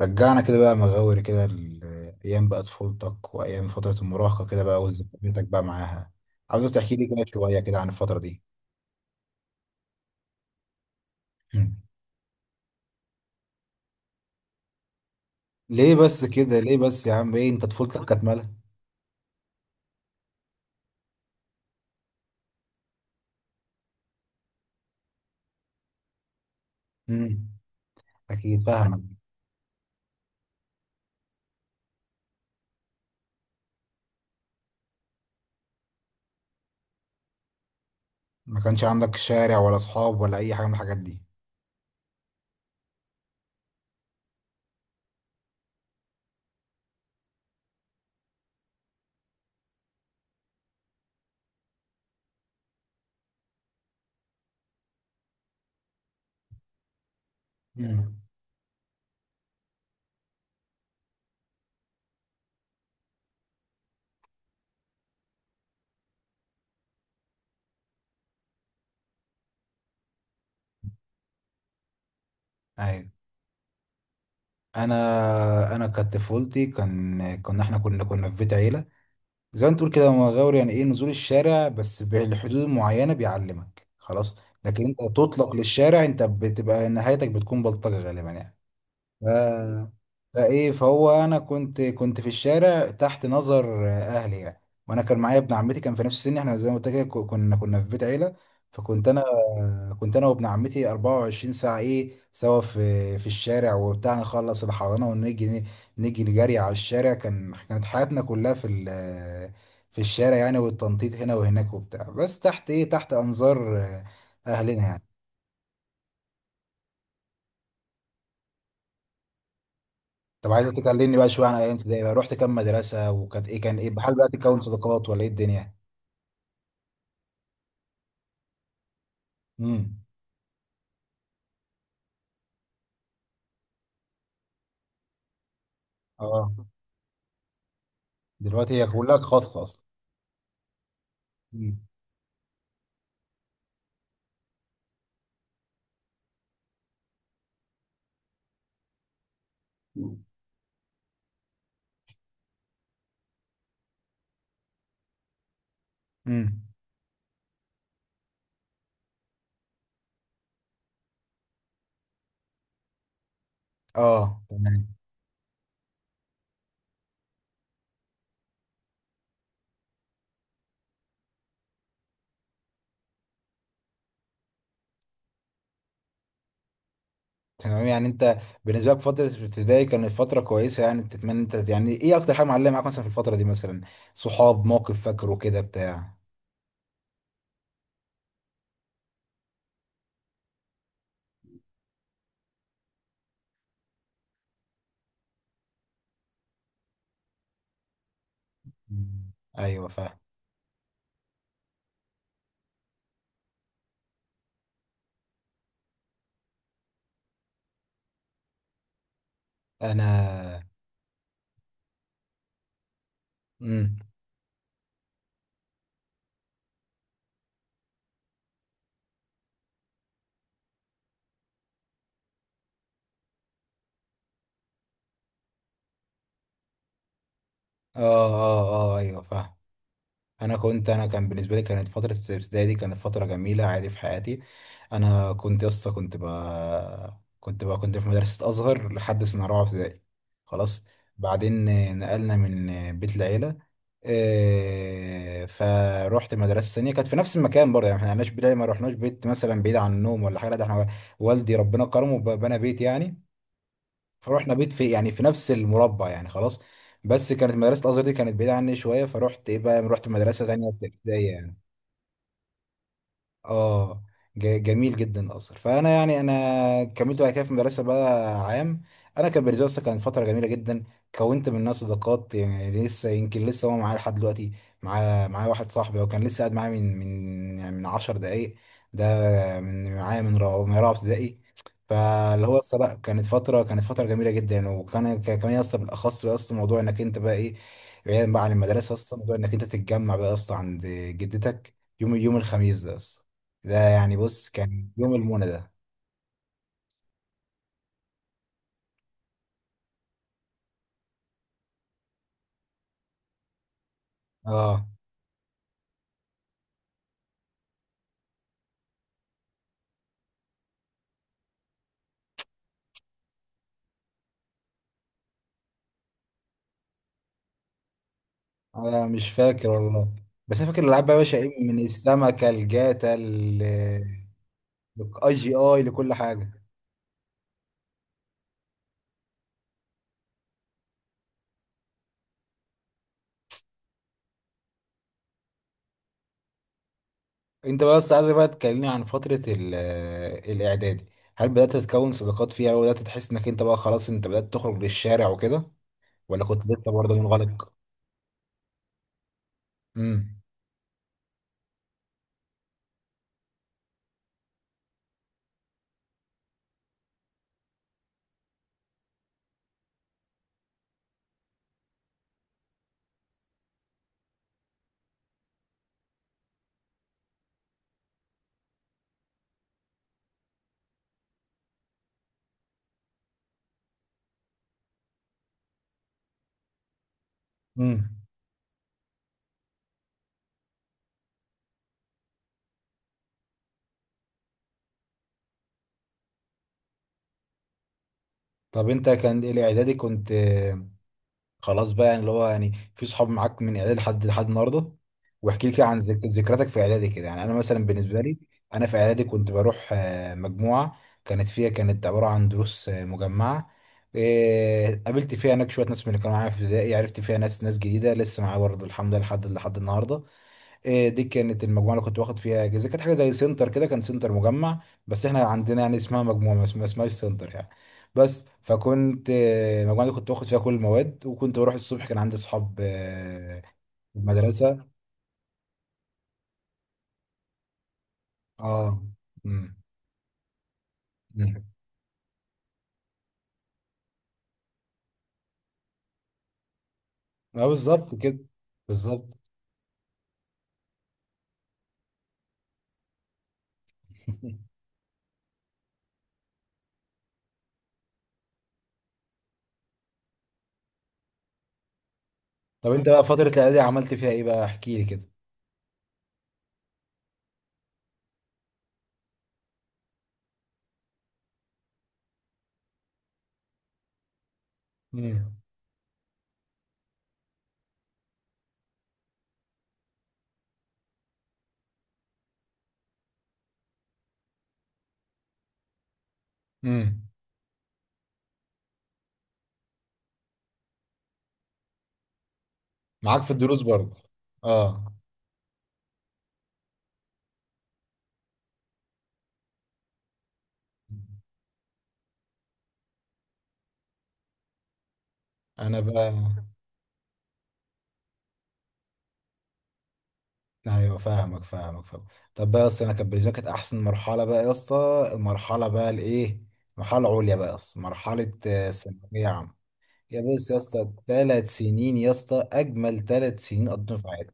رجعنا كده بقى مغاوري كده ايام بقى طفولتك وايام فتره المراهقه كده بقى وذكرياتك بقى معاها. عاوزك تحكي لي كده شويه كده عن الفتره دي. مم. ليه بس كده، ليه بس يا عم، ايه انت طفولتك كانت مالها؟ مم. اكيد فاهمك. ما كانش عندك شارع ولا اصحاب ولا اي حاجه من الحاجات دي؟ مم. ايوه. انا انا كانت طفولتي، كان كنا احنا كنا كنا في بيت عيله. زي ما انت تقول كده مغاور، يعني ايه نزول الشارع بس بالحدود المعينة بيعلمك خلاص، لكن انت تطلق للشارع انت بتبقى نهايتك بتكون بلطجة غالبا يعني. ف- فايه فهو انا كنت في الشارع تحت نظر اهلي يعني. وانا كان معايا ابن عمتي، كان في نفس سني. احنا زي ما قلت لك كنا في بيت عيله. فكنت انا، كنت انا وابن عمتي 24 ساعه ايه سوا في الشارع وبتاع. نخلص الحضانه ونيجي، نجري على الشارع. كانت حياتنا كلها في الشارع يعني، والتنطيط هنا وهناك وبتاع، بس تحت ايه، تحت انظار اهلنا يعني. طب عايزة تكلمني بقى شوية عن أيام ابتدائي بقى، رحت كام مدرسة وكانت إيه، كان إيه، هل بقى تكون صداقات ولا إيه الدنيا؟ امم. أه، دلوقتي هي كلها خاصة أصلا. امم. امم. أه تمام. تمام يعني أنت بالنسبة لك فترة ابتدائي كانت فترة كويسة يعني، تتمنى أنت يعني، إيه أكتر حاجة معلمة معاك مثلا في الفترة دي مثلا؟ صحاب، موقف فاكره كده بتاع؟ مم. أيوه فاهم. أنا. امم. أه أه أه، أيوه فاهم. انا كنت، انا كان بالنسبه لي كانت فتره الابتدائي دي كانت فتره جميله عادي في حياتي. انا كنت يا اسطى كنت في مدرسه ازهر لحد سنه رابعه ابتدائي، خلاص. بعدين نقلنا من بيت العيله إيه، فروحت مدرسه ثانيه كانت في نفس المكان برضه. يعني احنا ما بيت العيلة، ما رحناش بيت مثلا بعيد عن النوم ولا حاجه، لا ده احنا والدي ربنا كرمه بنى بيت يعني. فروحنا بيت في يعني في نفس المربع يعني خلاص. بس كانت مدرسة الأزهر دي كانت بعيدة عني شوية، فروحت إيه بقى، رحت مدرسة تانية ابتدائية يعني. اه. جميل جدا الاثر. فانا يعني انا كملت بعد كده في المدرسه بقى عام. انا كان بالنسبه لي أصلاً كانت فتره جميله جدا. كونت منها صداقات يعني لسه، يمكن لسه هو معايا لحد دلوقتي. معاه معايا واحد صاحبي هو كان لسه قاعد معايا من يعني من 10 دقائق ده. من معايا من رابعه ابتدائي. فاللي هو اصلا، لا كانت فتره، كانت فتره جميله جدا. وكان كمان اصلا بالاخص بقى، اصلا موضوع انك انت بقى ايه، بعيدا بقى عن المدرسه، اصلا موضوع انك انت تتجمع بقى اصلا عند جدتك يوم، يوم الخميس ده اصلا. ده يعني بص كان يوم المنى ده. اه انا مش فاكر والله. بس انا فاكر الالعاب بقى يا باشا ايه، من السمكه، الجاتا، الاي جي اي لكل حاجه. انت بس عايزك بقى تكلمني عن فتره الاعدادي. هل بدات تتكون صداقات فيها وبدات تحس انك انت بقى خلاص انت بدات تخرج للشارع وكده، ولا كنت لسه برضه منغلق؟ امم. امم. طب انت كان الاعدادي كنت خلاص بقى يعني، اللي هو يعني في صحاب معاك من اعدادي لحد لحد النهارده؟ واحكي لي كده عن ذكرياتك في اعدادي كده. يعني انا مثلا بالنسبه لي، انا في اعدادي كنت بروح مجموعه، كانت فيها، كانت عباره عن دروس مجمعه. قابلت فيها هناك شويه ناس من اللي كانوا معايا في ابتدائي، عرفت فيها ناس، ناس جديده لسه معايا برضه الحمد لله لحد لحد النهارده. إيه دي كانت المجموعه اللي كنت باخد فيها اجازه، كانت حاجه زي سنتر كده، كان سنتر مجمع، بس احنا عندنا يعني اسمها مجموعه، ما اسمهاش سنتر يعني. بس فكنت المجموعه دي كنت باخد فيها كل المواد، وكنت بروح الصبح، كان عندي اصحاب في المدرسه. اه. امم. أمم. اه بالظبط كده، بالظبط. طب انت بقى فتره الاعدادي عملت فيها ايه بقى، احكي لي كده. امم. امم. معاك في الدروس برضه. اه. انا بقى. ايوه فاهمك، فاهمك، فاهم. طب بقى يا اسطى، انا كانت بالنسبه لي كانت احسن مرحله بقى يا اسطى، المرحله بقى الايه، مرحله عليا بقى يا اسطى، مرحله ثانويه عامه. يا بص يا اسطى ثلاث سنين يا اسطى، اجمل ثلاث سنين قضيتهم في حياتي.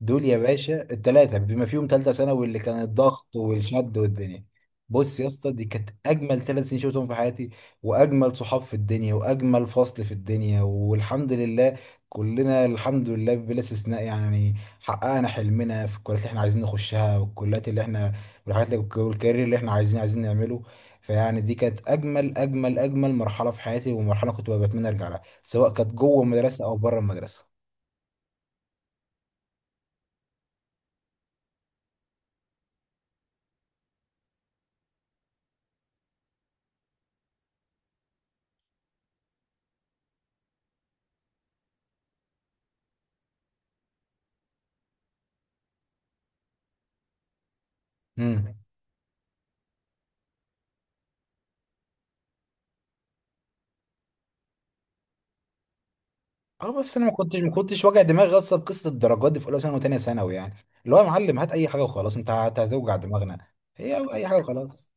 دول يا باشا التلاتة، بما فيهم تالتة ثانوي اللي كان الضغط والشد والدنيا. بص يا اسطى دي كانت أجمل ثلاث سنين شفتهم في حياتي، وأجمل صحاب في الدنيا وأجمل فصل في الدنيا والحمد لله. كلنا الحمد لله بلا استثناء يعني، حققنا حلمنا في الكليات اللي احنا عايزين نخشها، والكليات اللي احنا، والحاجات اللي، والكارير اللي احنا عايزين نعمله. فيعني دي كانت أجمل مرحلة في حياتي، ومرحلة كنت بتمنى أرجع لها سواء كانت جوه المدرسة أو بره المدرسة. مم. اه بس انا ما كنتش واجع دماغي اصلا بقصه الدرجات دي في اولى ثانوي وثانيه ثانوي يعني. اللي هو يا معلم هات اي حاجه وخلاص، انت هتوجع دماغنا. هي اي حاجه وخلاص.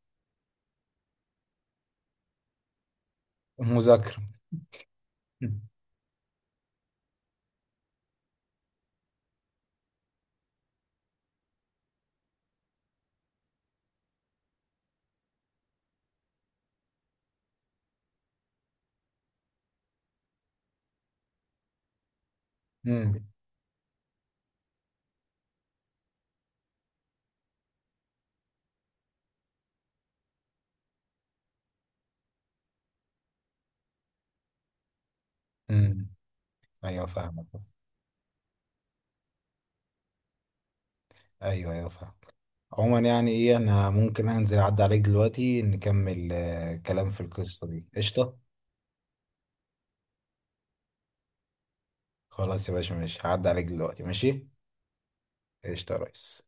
مذاكره. امم. امم. ايوه فاهمك بس. ايوه ايوه فاهم. عموما يعني ايه، انا ممكن انزل اعدي عليك دلوقتي نكمل كلام في القصه دي قشطه؟ خلاص يا باشا ماشي، هعدي عليك دلوقتي ماشي. قشطه يا ريس.